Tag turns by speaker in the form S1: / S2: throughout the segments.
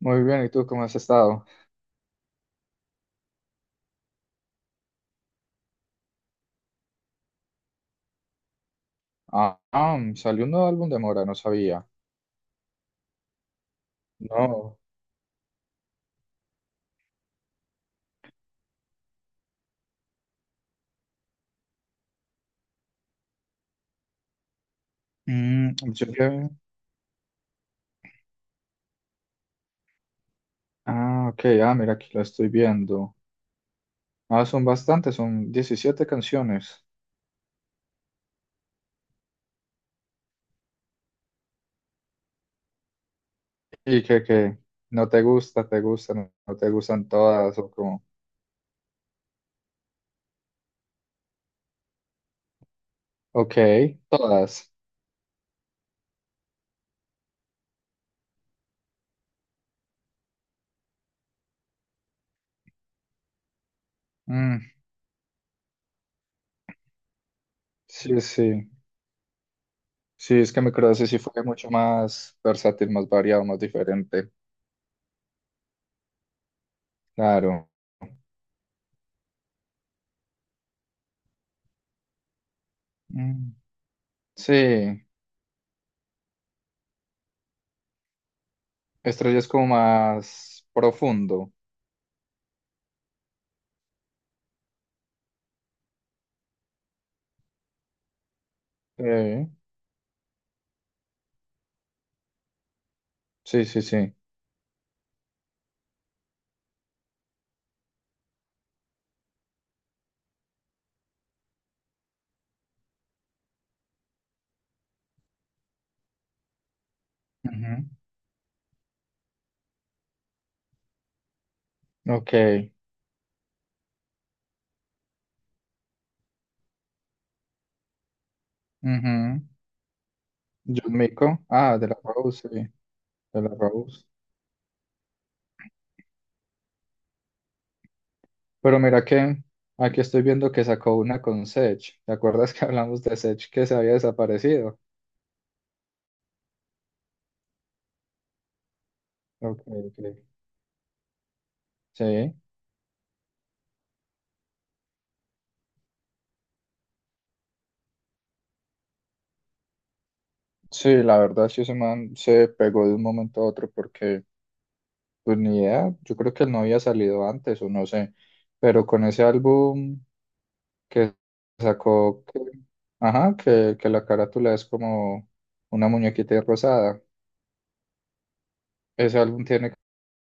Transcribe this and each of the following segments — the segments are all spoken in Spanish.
S1: Muy bien, ¿y tú cómo has estado? Salió un nuevo álbum de Mora, no sabía. No. Mm, yo que- Ah, ok, mira, aquí lo estoy viendo. Ah, son bastantes, son 17 canciones. ¿Y que no te gusta, te gustan, no te gustan todas o como... Ok, todas. Mm, sí, sí. Sí, es que Microdosis sí fue mucho más versátil, más variado, más diferente. Claro. Mm, sí, Estrella es como más profundo. Sí. Sí, sí, sí. Ok. Ujú, ok, ujú. John Mico. Ah, de la Rose, sí. De la Rose. Pero mira que aquí estoy viendo que sacó una con Sech. ¿Te acuerdas que hablamos de Sech que se había desaparecido? Ok, ok. Sí. Sí, la verdad, sí, ese man se pegó de un momento a otro porque, pues ni idea, yo creo que él no había salido antes o no sé, pero con ese álbum que sacó, que- ajá, que la carátula es como una muñequita rosada. Ese álbum tiene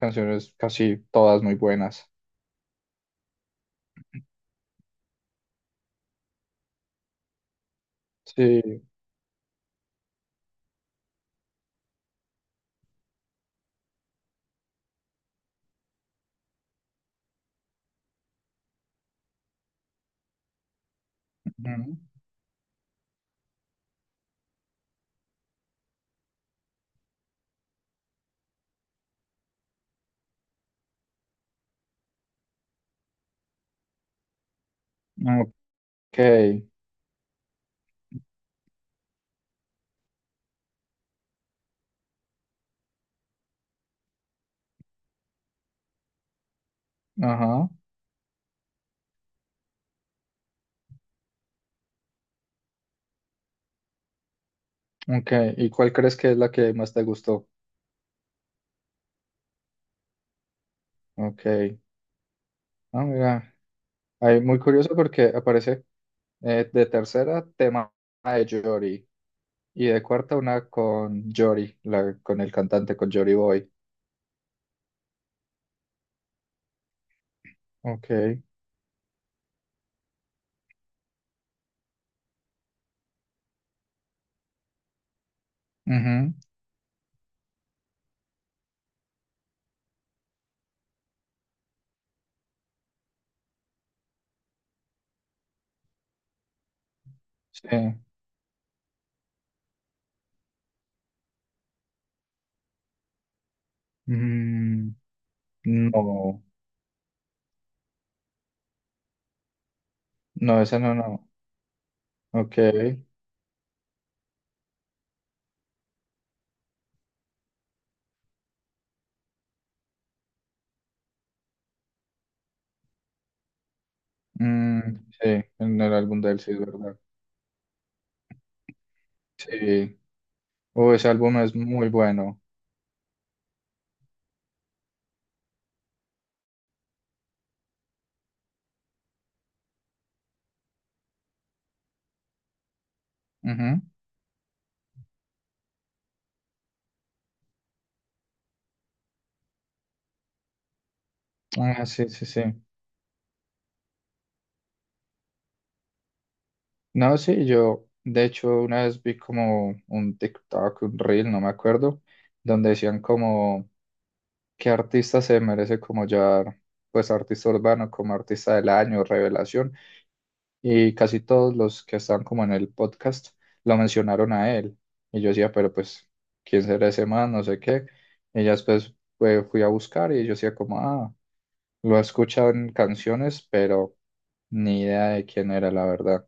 S1: canciones casi todas muy buenas. Sí. Ujú, ok. Ajá. Ok. ¿Y cuál crees que es la que más te gustó? Ok. Ah, mira. Ahí, muy curioso porque aparece de tercera tema de Jory y de cuarta una con Jory, la, con el cantante, con Jory Boy. Ok. Ujú, sí. Mm, no. No, esa no, no. Ok. Mm, sí, en el álbum de él sí es verdad. Sí, oh, ese álbum es muy bueno. Ujú. Ah, sí, sí, sí. No, sí, yo de hecho una vez vi como un TikTok, un reel, no me acuerdo, donde decían como qué artista se merece como ya, pues artista urbano, como artista del año, revelación, y casi todos los que están como en el podcast lo mencionaron a él. Y yo decía, pero pues, ¿quién será ese man? No sé qué. Y ya después pues, fui a buscar y yo decía como, ah. Lo he escuchado en canciones, pero ni idea de quién era, la verdad.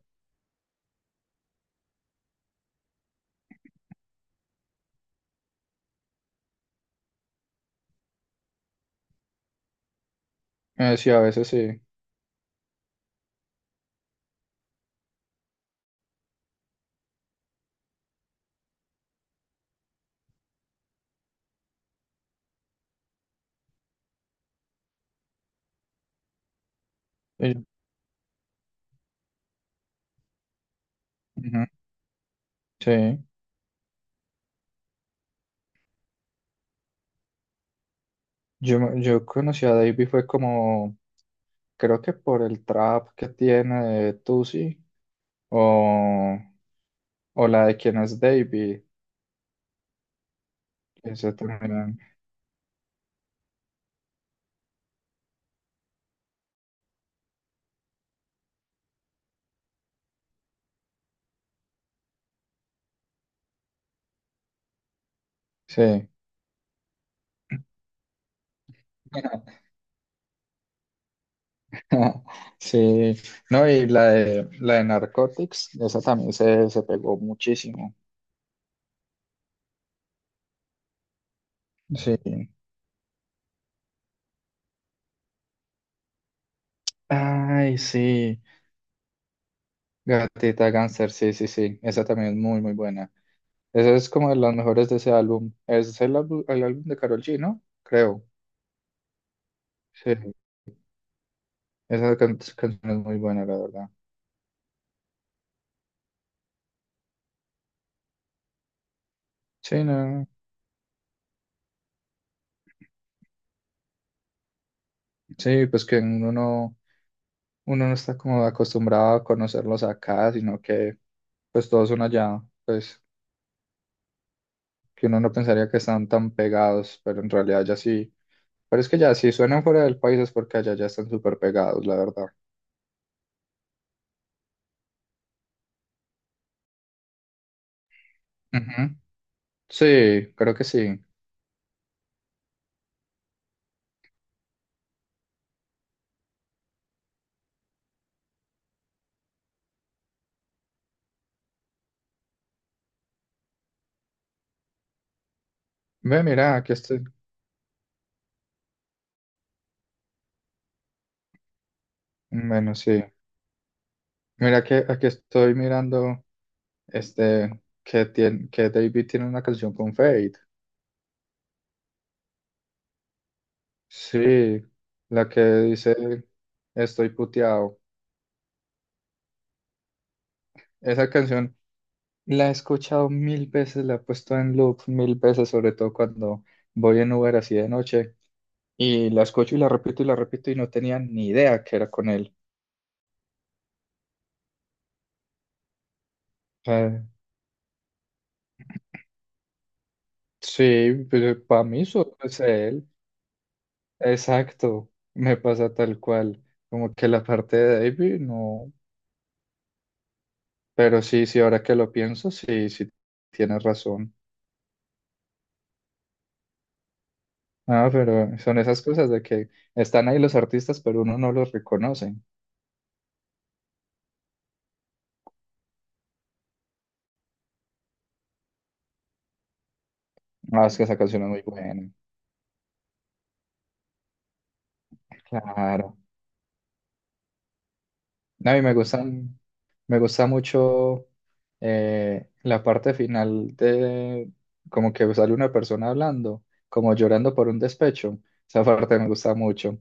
S1: Sí, a veces sí. Eh, ujú, sí. Yo conocí a Davey fue como, creo que por el trap que tiene de Tusi, o, o la de quién es Davey. Ese también. Sí. Sí. No, y la de Narcotics, se pegó muchísimo. Sí. Ay, sí. Gatita Gangster, sí, sí, sí, esa también es muy, muy buena. Esa es como de las mejores de ese álbum. El álbum de Karol G, ¿no? Creo. Sí, canción es muy buena, la verdad. Sí, no, sí, pues que uno no está como acostumbrado a conocerlos acá, sino que pues todos son allá, pues que uno no pensaría que están tan pegados, pero en realidad ya sí. Pero es que ya, si suenan fuera del país es porque allá ya están súper pegados, la verdad. Ujú. Sí, creo que sí. Ve, mira, aquí estoy. Bueno, sí. Mira que aquí estoy mirando que David tiene una canción con Fade. Sí, la que dice: Estoy puteado. Esa canción la he escuchado mil veces, la he puesto en loop mil veces, sobre todo cuando voy en Uber así de noche. Y la escucho y la repito y la repito y no tenía ni idea que era con él. Eh, sí, para mí solo es él. Exacto, me pasa tal cual, como que la parte de David no, pero sí, sí, ahora que lo pienso, sí, sí, tienes razón. Ah, pero son esas cosas de que están ahí los artistas, pero uno no los reconoce. Ah, es que esa canción es muy buena, claro. No, me gusta mucho la parte final de como que sale una persona hablando, como llorando por un despecho. Esa parte me gusta mucho.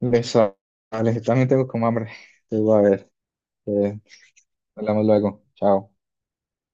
S1: Me sales, también tengo como hambre. Te voy a ver. Eh, hablamos luego. Chao.